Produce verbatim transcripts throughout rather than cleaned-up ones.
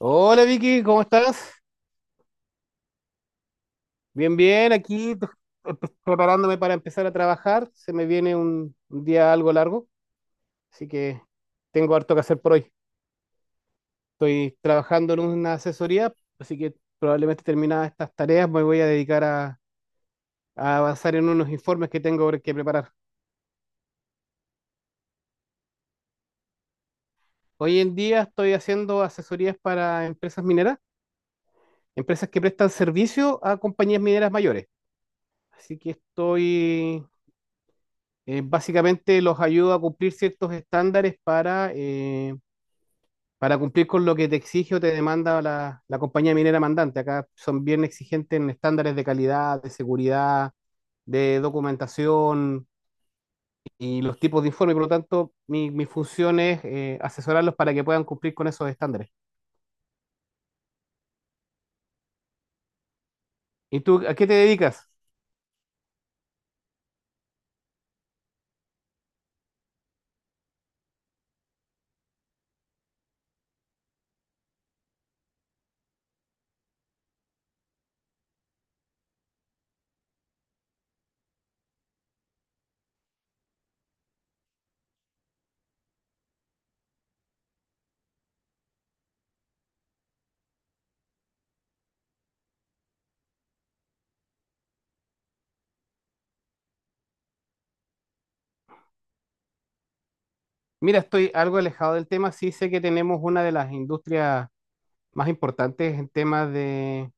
Hola Vicky, ¿cómo estás? Bien, bien, aquí pre- pre- preparándome para empezar a trabajar. Se me viene un, un día algo largo, así que tengo harto que hacer por hoy. Estoy trabajando en una asesoría, así que probablemente terminadas estas tareas me voy a dedicar a, a avanzar en unos informes que tengo que preparar. Hoy en día estoy haciendo asesorías para empresas mineras, empresas que prestan servicio a compañías mineras mayores. Así que estoy eh, básicamente los ayuda a cumplir ciertos estándares para, eh, para cumplir con lo que te exige o te demanda la, la compañía minera mandante. Acá son bien exigentes en estándares de calidad, de seguridad, de documentación y los tipos de informe. Por lo tanto, mi, mi función es eh, asesorarlos para que puedan cumplir con esos estándares. ¿Y tú a qué te dedicas? Mira, estoy algo alejado del tema. Sí sé que tenemos una de las industrias más importantes en temas de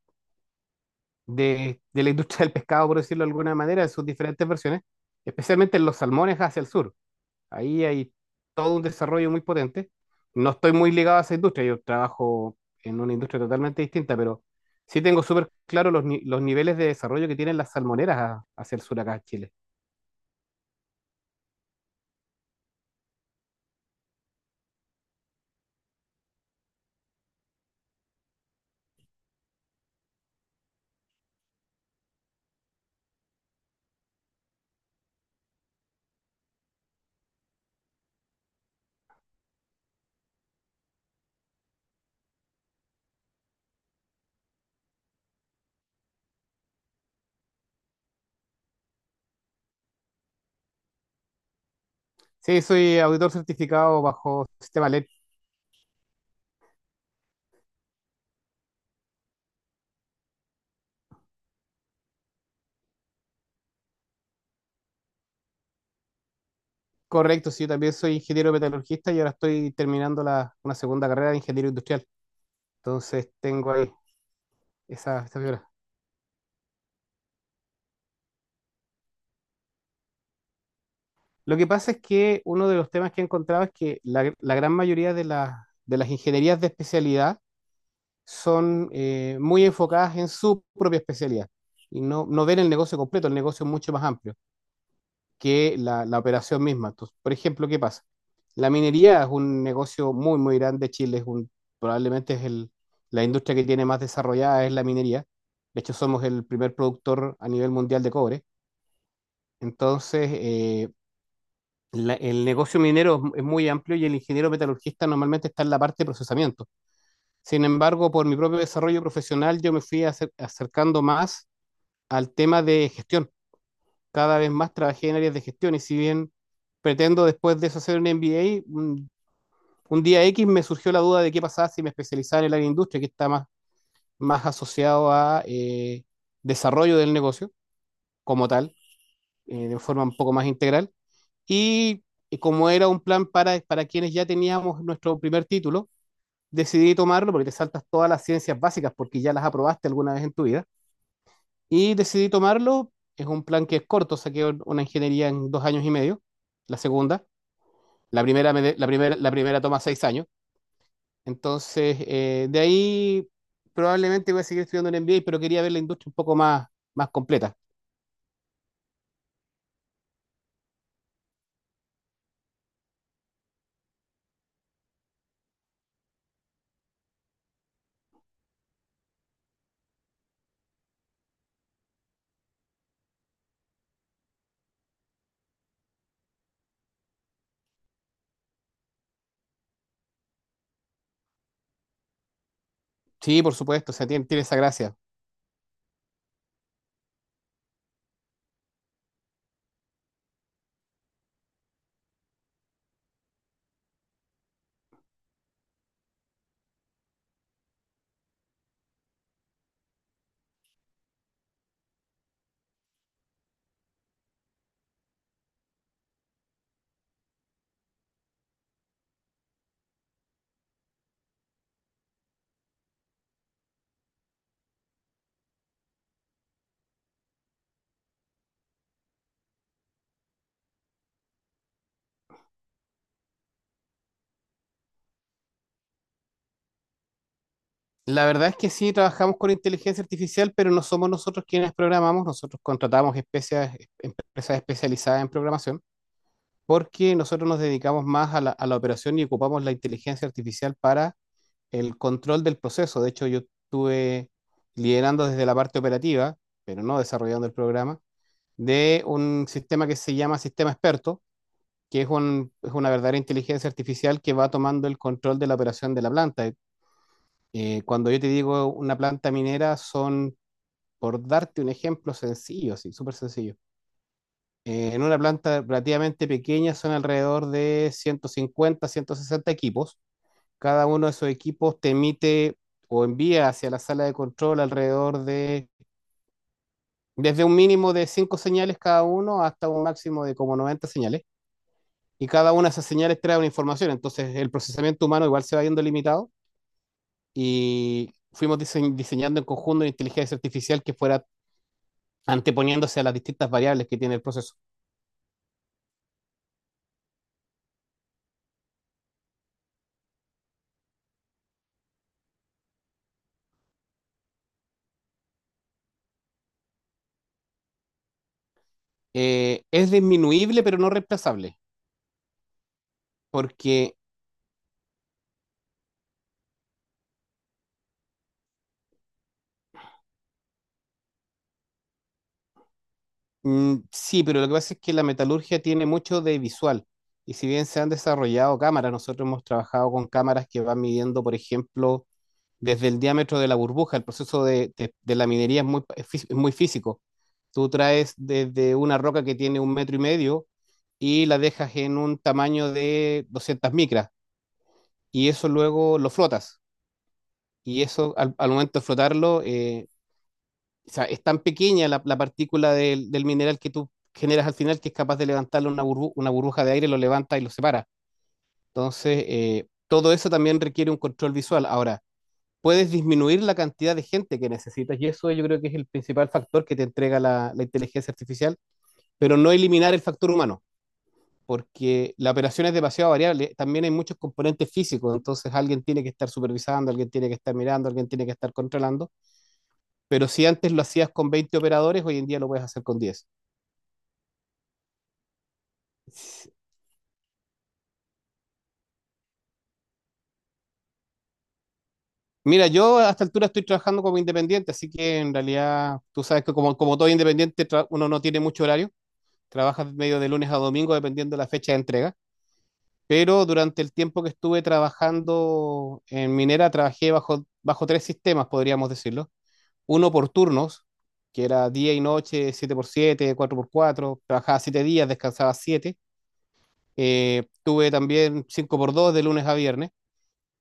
de, de la industria del pescado, por decirlo de alguna manera, en sus diferentes versiones, especialmente en los salmones hacia el sur. Ahí hay todo un desarrollo muy potente. No estoy muy ligado a esa industria, yo trabajo en una industria totalmente distinta, pero sí tengo súper claro los, ni- los niveles de desarrollo que tienen las salmoneras a- hacia el sur acá en Chile. Sí, soy auditor certificado bajo sistema LED. Correcto, sí, yo también soy ingeniero metalurgista y ahora estoy terminando la, una segunda carrera de ingeniero industrial. Entonces tengo ahí esa, esa figura. Lo que pasa es que uno de los temas que he encontrado es que la, la gran mayoría de, las de las ingenierías de especialidad son eh, muy enfocadas en su propia especialidad y no, no ven el negocio completo, el negocio es mucho más amplio que la, la operación misma. Entonces, por ejemplo, ¿qué pasa? La minería es un negocio muy, muy grande. Chile es un, probablemente es el, la industria que tiene más desarrollada, es la minería. De hecho, somos el primer productor a nivel mundial de cobre. Entonces, eh, la- el negocio minero es es muy amplio y el ingeniero metalurgista normalmente está en la parte de procesamiento. Sin embargo, por mi propio desarrollo profesional, yo me fui acer- acercando más al tema de gestión. Cada vez más trabajé en áreas de gestión y si bien pretendo después de eso hacer un M B A, un, un día equis me surgió la duda de qué pasaba si me especializaba en el área de industria, que está más, más asociado a eh, desarrollo del negocio como tal, eh, de forma un poco más integral. Y como era un plan para, para quienes ya teníamos nuestro primer título, decidí tomarlo porque te saltas todas las ciencias básicas porque ya las aprobaste alguna vez en tu vida. Y decidí tomarlo. Es un plan que es corto, saqué una ingeniería en dos años y medio, la segunda. La primera, me de- la primera, la primera toma seis años. Entonces, eh, de ahí probablemente voy a seguir estudiando en M B A, pero quería ver la industria un poco más, más completa. Sí, por supuesto, o sea, tiene, tiene esa gracia. La verdad es que sí, trabajamos con inteligencia artificial, pero no somos nosotros quienes programamos, nosotros contratamos especias- empresas especializadas en programación, porque nosotros nos dedicamos más a la, a la operación y ocupamos la inteligencia artificial para el control del proceso. De hecho, yo estuve liderando desde la parte operativa, pero no desarrollando el programa, de un sistema que se llama Sistema Experto, que es, un- es una verdadera inteligencia artificial que va tomando el control de la operación de la planta. Eh, cuando yo te digo una planta minera, son, por darte un ejemplo sencillo, sí, súper sencillo. Eh, en una planta relativamente pequeña son alrededor de ciento cincuenta, ciento sesenta equipos. Cada uno de esos equipos te emite o envía hacia la sala de control alrededor de, desde un mínimo de cinco señales cada uno hasta un máximo de como noventa señales. Y cada una de esas señales trae una información. Entonces el procesamiento humano igual se va viendo limitado. Y fuimos dise- diseñando en conjunto una inteligencia artificial que fuera anteponiéndose a las distintas variables que tiene el proceso. Eh, es disminuible, pero no reemplazable, porque. Mm, sí, pero lo que pasa es que la metalurgia tiene mucho de visual. Y si bien se han desarrollado cámaras, nosotros hemos trabajado con cámaras que van midiendo, por ejemplo, desde el diámetro de la burbuja. El proceso de, de- de la minería es muy, es fí- es muy físico. Tú traes desde una roca que tiene un metro y medio y la dejas en un tamaño de doscientas micras y eso luego lo flotas. Y eso al, al momento de flotarlo, eh, o sea, es tan pequeña la, la partícula del, del mineral que tú generas al final que es capaz de levantarle una, burbu- una burbuja de aire, lo levanta y lo separa. Entonces, eh, todo eso también requiere un control visual. Ahora, puedes disminuir la cantidad de gente que necesitas y eso yo creo que es el principal factor que te entrega la, la inteligencia artificial, pero no eliminar el factor humano, porque la operación es demasiado variable. También hay muchos componentes físicos, entonces alguien tiene que estar supervisando, alguien tiene que estar mirando, alguien tiene que estar controlando. Pero si antes lo hacías con veinte operadores, hoy en día lo puedes hacer con diez. Mira, yo a esta altura estoy trabajando como independiente, así que en realidad tú sabes que como, como todo independiente tra- uno no tiene mucho horario, trabajas medio de lunes a domingo dependiendo de la fecha de entrega, pero durante el tiempo que estuve trabajando en minera trabajé bajo, bajo tres sistemas, podríamos decirlo. Uno por turnos, que era día y noche, siete por siete, cuatro por cuatro, trabajaba siete días, descansaba siete. Tuve también cinco por dos de lunes a viernes.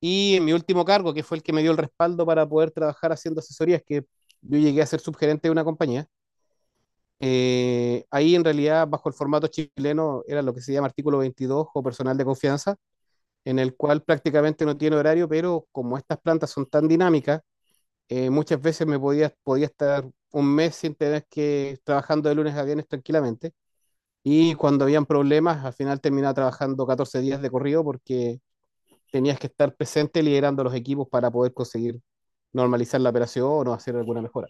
Y en mi último cargo, que fue el que me dio el respaldo para poder trabajar haciendo asesorías, que yo llegué a ser subgerente de una compañía, eh, ahí en realidad bajo el formato chileno era lo que se llama artículo veintidós o personal de confianza, en el cual prácticamente no tiene horario, pero como estas plantas son tan dinámicas, eh, muchas veces me podía, podía estar un mes sin tener que trabajando de lunes a viernes tranquilamente. Y cuando habían problemas, al final terminaba trabajando catorce días de corrido porque tenías que estar presente liderando los equipos para poder conseguir normalizar la operación o hacer alguna mejora.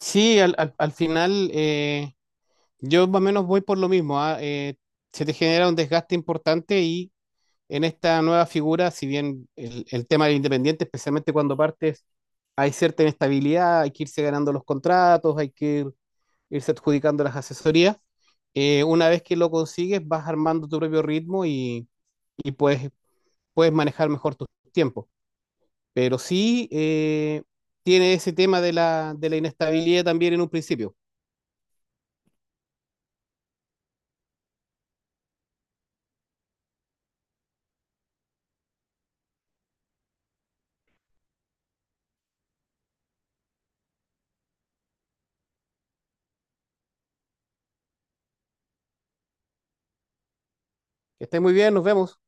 Sí, al, al, al final, eh, yo más o menos voy por lo mismo. ah, eh, se te genera un desgaste importante y en esta nueva figura, si bien el, el tema del independiente, especialmente cuando partes, hay cierta inestabilidad, hay que irse ganando los contratos, hay que ir- irse adjudicando las asesorías. Eh, una vez que lo consigues, vas armando tu propio ritmo y, y puedes, puedes manejar mejor tus tiempos. Pero sí eh, tiene ese tema de la, de la inestabilidad también en un principio. Que esté muy bien, nos vemos.